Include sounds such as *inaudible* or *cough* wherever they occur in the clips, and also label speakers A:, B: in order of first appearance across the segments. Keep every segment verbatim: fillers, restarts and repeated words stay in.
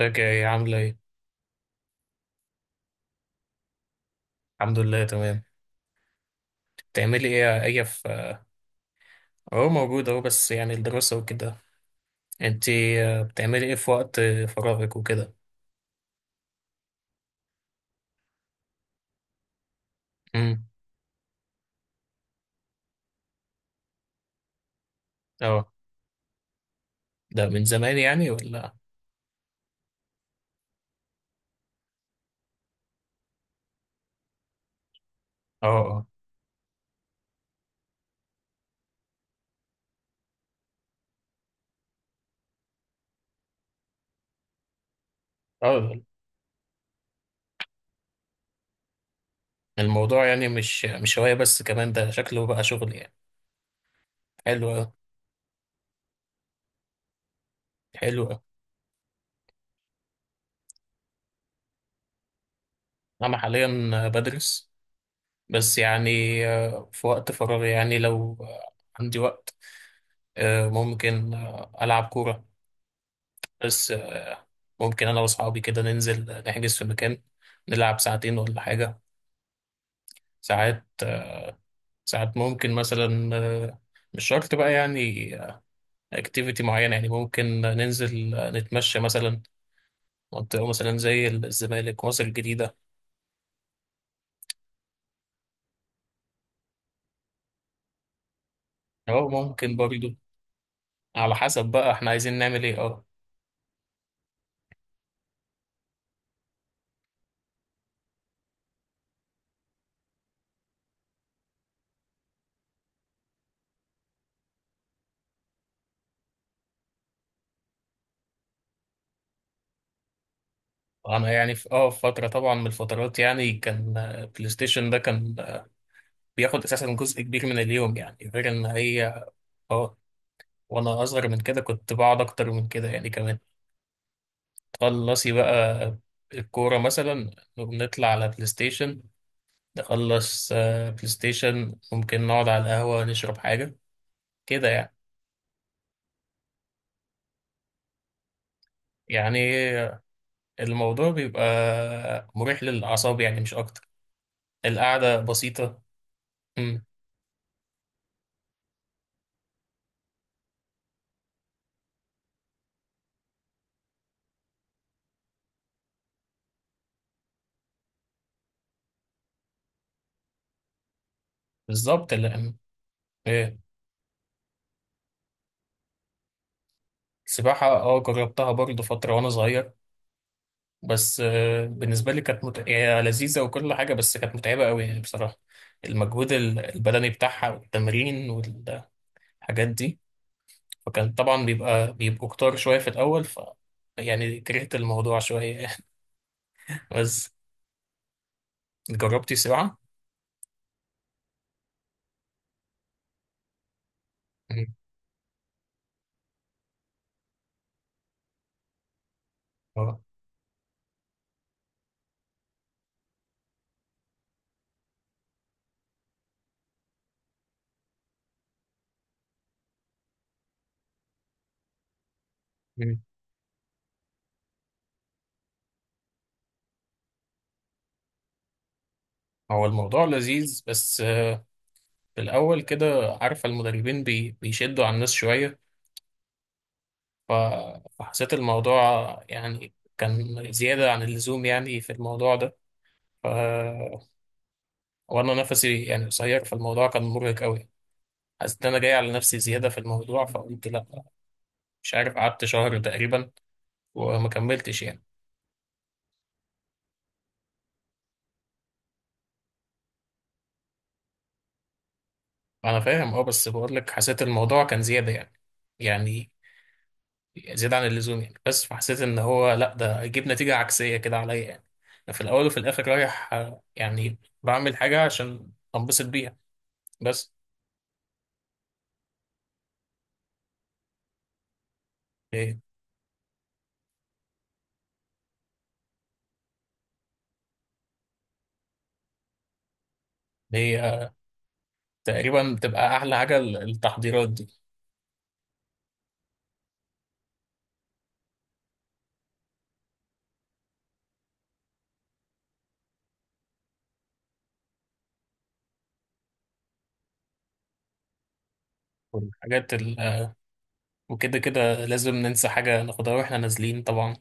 A: ازيك يا ايه عاملة ايه؟ الحمد لله تمام. بتعملي ايه ايه في. اهو موجود اهو، بس يعني الدراسة وكده. انتي؟ آه، بتعملي ايه في وقت آه، فراغك وكده؟ امم. اه. ده من زمان يعني ولا؟ اه، اه، اه. الموضوع يعني مش مش هواية، بس كمان ده شكله بقى شغل يعني. حلو اوي، حلو اوي. انا حاليا آه، بدرس. بس يعني آه، في وقت فراغي، يعني لو آه، عندي وقت آه، ممكن آه، ألعب كورة. بس آه، ممكن انا واصحابي كده ننزل نحجز في مكان، نلعب ساعتين ولا حاجة. ساعات ساعات ممكن مثلا آه، مش شرط بقى يعني اكتيفيتي معينة. يعني ممكن ننزل آه، نتمشى مثلا منطقة مثلا زي الزمالك، مصر الجديدة. أو ممكن برضو، على حسب بقى احنا عايزين نعمل ايه. اه. أنا يعني في اه في فترة طبعا من الفترات، يعني كان آه، بلاي ستيشن ده كان آه، بياخد أساسا جزء كبير من اليوم، يعني غير إن هي. اه. وانا اصغر من كده كنت بقعد اكتر من كده يعني كمان. تخلصي بقى الكوره مثلا نطلع على بلاي ستيشن، نخلص آه، بلاي ستيشن، ممكن نقعد على القهوه نشرب حاجه كده يعني. يعني الموضوع بيبقى مريح للاعصاب، يعني مش اكتر. القعده بسيطه. امم. بالظبط اللي. ايه؟ السباحه اه، جربتها برضه فتره وانا صغير. بس آه، بالنسبة لي كانت مت... هي لذيذة وكل حاجة، بس كانت متعبة قوي يعني بصراحة. المجهود ال- البدني بتاعها والتمرين والحاجات دي. فكان طبعا بيبقى بيبقوا كتار شوية في الأول ف. يعني كرهت الموضوع شوية. *laughs* بس جربتي سباحة؟ مم. آه. مم. هو الموضوع لذيذ، بس آه، في الأول كده عارفة المدربين بي... بيشدوا على الناس شوية. ف... فحسيت الموضوع يعني كان زيادة عن اللزوم يعني في الموضوع ده. وانا نفسي يعني قصير، فالموضوع كان مرهق قوي. حسيت ان انا جاي على نفسي زياده في الموضوع، فقلت لا. مش عارف قعدت شهر تقريبا وما كملتش يعني. انا فاهم، اه، بس بقول لك حسيت الموضوع كان زياده يعني، يعني زياده عن اللزوم يعني. بس فحسيت ان هو لا، ده هيجيب نتيجه عكسيه كده عليا يعني. أنا في الاول وفي الاخر رايح آه، يعني بعمل حاجه عشان انبسط بيها بس. هي هي، آه، تقريبا بتبقى احلى حاجه التحضيرات دي والحاجات. وكده كده لازم ننسى حاجة ناخدها واحنا نازلين طبعا.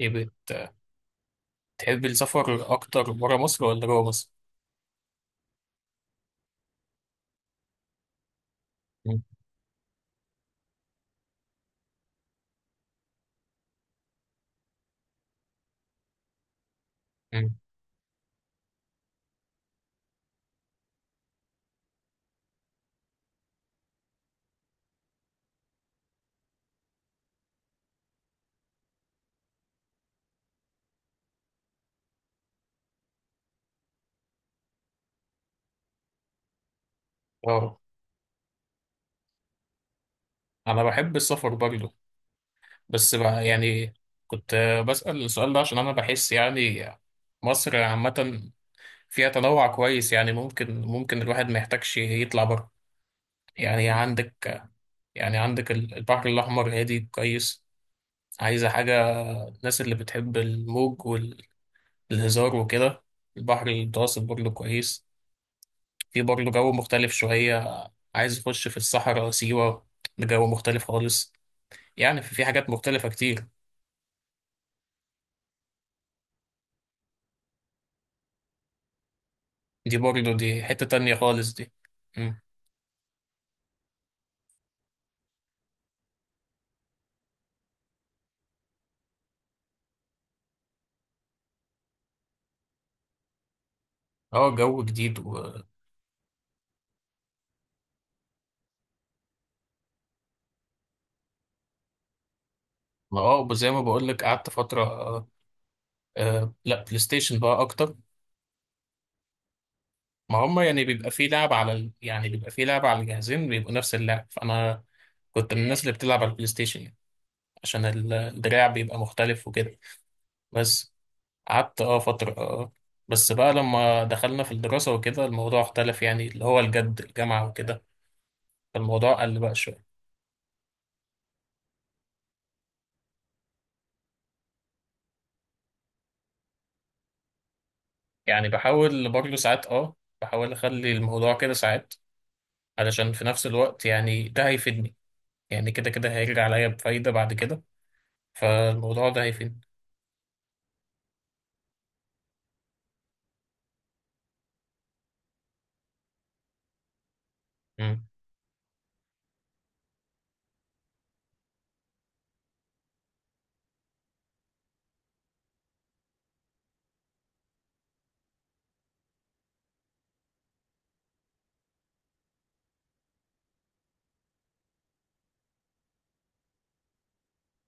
A: ايه بت... تحب السفر أكتر برا مصر ولا جوا مصر؟ مم. مم. اه، أنا بحب السفر برضه. بس بقى يعني كنت بسأل السؤال ده عشان أنا بحس يعني مصر عامة فيها تنوع كويس. يعني ممكن ممكن الواحد ما يحتاجش يطلع بره. يعني عندك يعني عندك البحر الأحمر هادي كويس، عايزة حاجة. الناس اللي بتحب الموج والهزار وكده. البحر المتوسط برضه كويس، في برضه جو مختلف شوية. عايز أخش في الصحراء سيوة، بجو مختلف خالص. يعني في في حاجات مختلفة كتير. دي برضه دي حتة تانية خالص دي. مم. اه، جو جديد و. ما اه زي ما بقولك قعدت فترة آه آه، لا بلاي ستيشن بقى أكتر. ما هما يعني بيبقى في لعب على ال... يعني بيبقى في لعب على الجهازين بيبقوا نفس اللعب. فأنا كنت من الناس اللي بتلعب على البلاي ستيشن يعني عشان ال- الدراع بيبقى مختلف وكده. بس قعدت اه فترة اه بس بقى لما دخلنا في الدراسة وكده الموضوع اختلف، يعني اللي هو الجد الجامعة وكده. فالموضوع قل بقى شوية. يعني بحاول برضه ساعات اه بحاول أخلي الموضوع كده ساعات علشان في نفس الوقت يعني ده هيفيدني. يعني كده كده هيرجع عليا بفايدة بعد كده. فالموضوع ده هيفيدني. مم.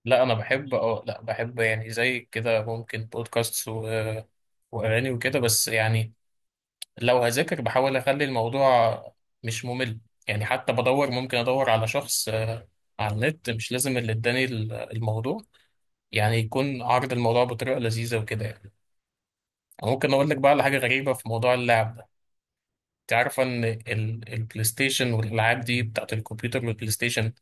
A: لا، أنا بحب اه لا بحب يعني زي كده، ممكن بودكاست و... وأغاني وكده بس يعني. لو هذاكر بحاول اخلي الموضوع مش ممل. يعني حتى بدور ممكن ادور على شخص آه، على النت، مش لازم اللي اداني ال- الموضوع يعني يكون عرض الموضوع بطريقه لذيذه وكده يعني. ممكن اقول لك بقى على حاجه غريبه في موضوع اللعب ده. انت عارفه ان ال- البلاي ستيشن والالعاب دي بتاعت الكمبيوتر والبلاي ستيشن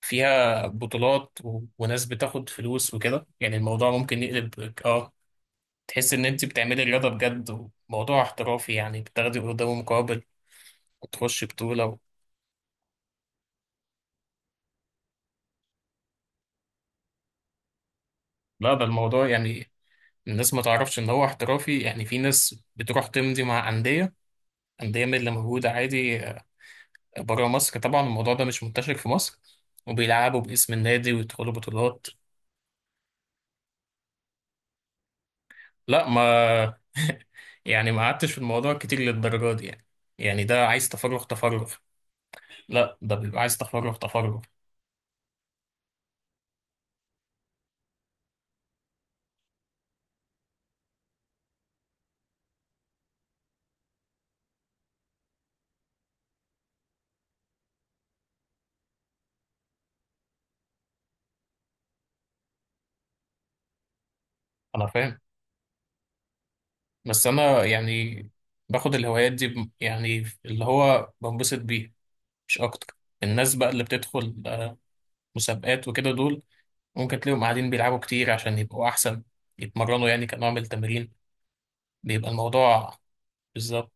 A: فيها بطولات و... وناس بتاخد فلوس وكده. يعني الموضوع ممكن يقلب اه تحس ان انت بتعملي رياضه بجد، وموضوع احترافي يعني بتاخدي قدامه مقابل وتخش بطولة. لا، ده الموضوع يعني الناس ما تعرفش ان هو احترافي. يعني في ناس بتروح تمضي مع انديه، انديه من اللي موجوده عادي بره مصر. طبعا الموضوع ده مش منتشر في مصر، وبيلعبوا باسم النادي ويدخلوا بطولات. لا ما. *laughs* يعني ما قعدتش في الموضوع كتير للدرجه دي يعني. يعني ده عايز تفرغ تفرغ. لا، ده بيبقى عايز تفرغ تفرغ. انا فاهم، بس انا يعني باخد الهوايات دي ب- يعني اللي هو بنبسط بيه مش اكتر. الناس بقى اللي بتدخل آه، مسابقات وكده دول ممكن تلاقيهم قاعدين بيلعبوا كتير عشان يبقوا أحسن، يتمرنوا يعني كنوع من التمرين. بيبقى الموضوع بالظبط.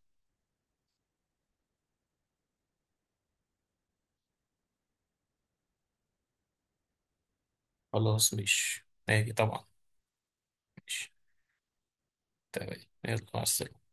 A: خلاص مش ماشي طبعا. ماشي. تمام يلا مع السلامة.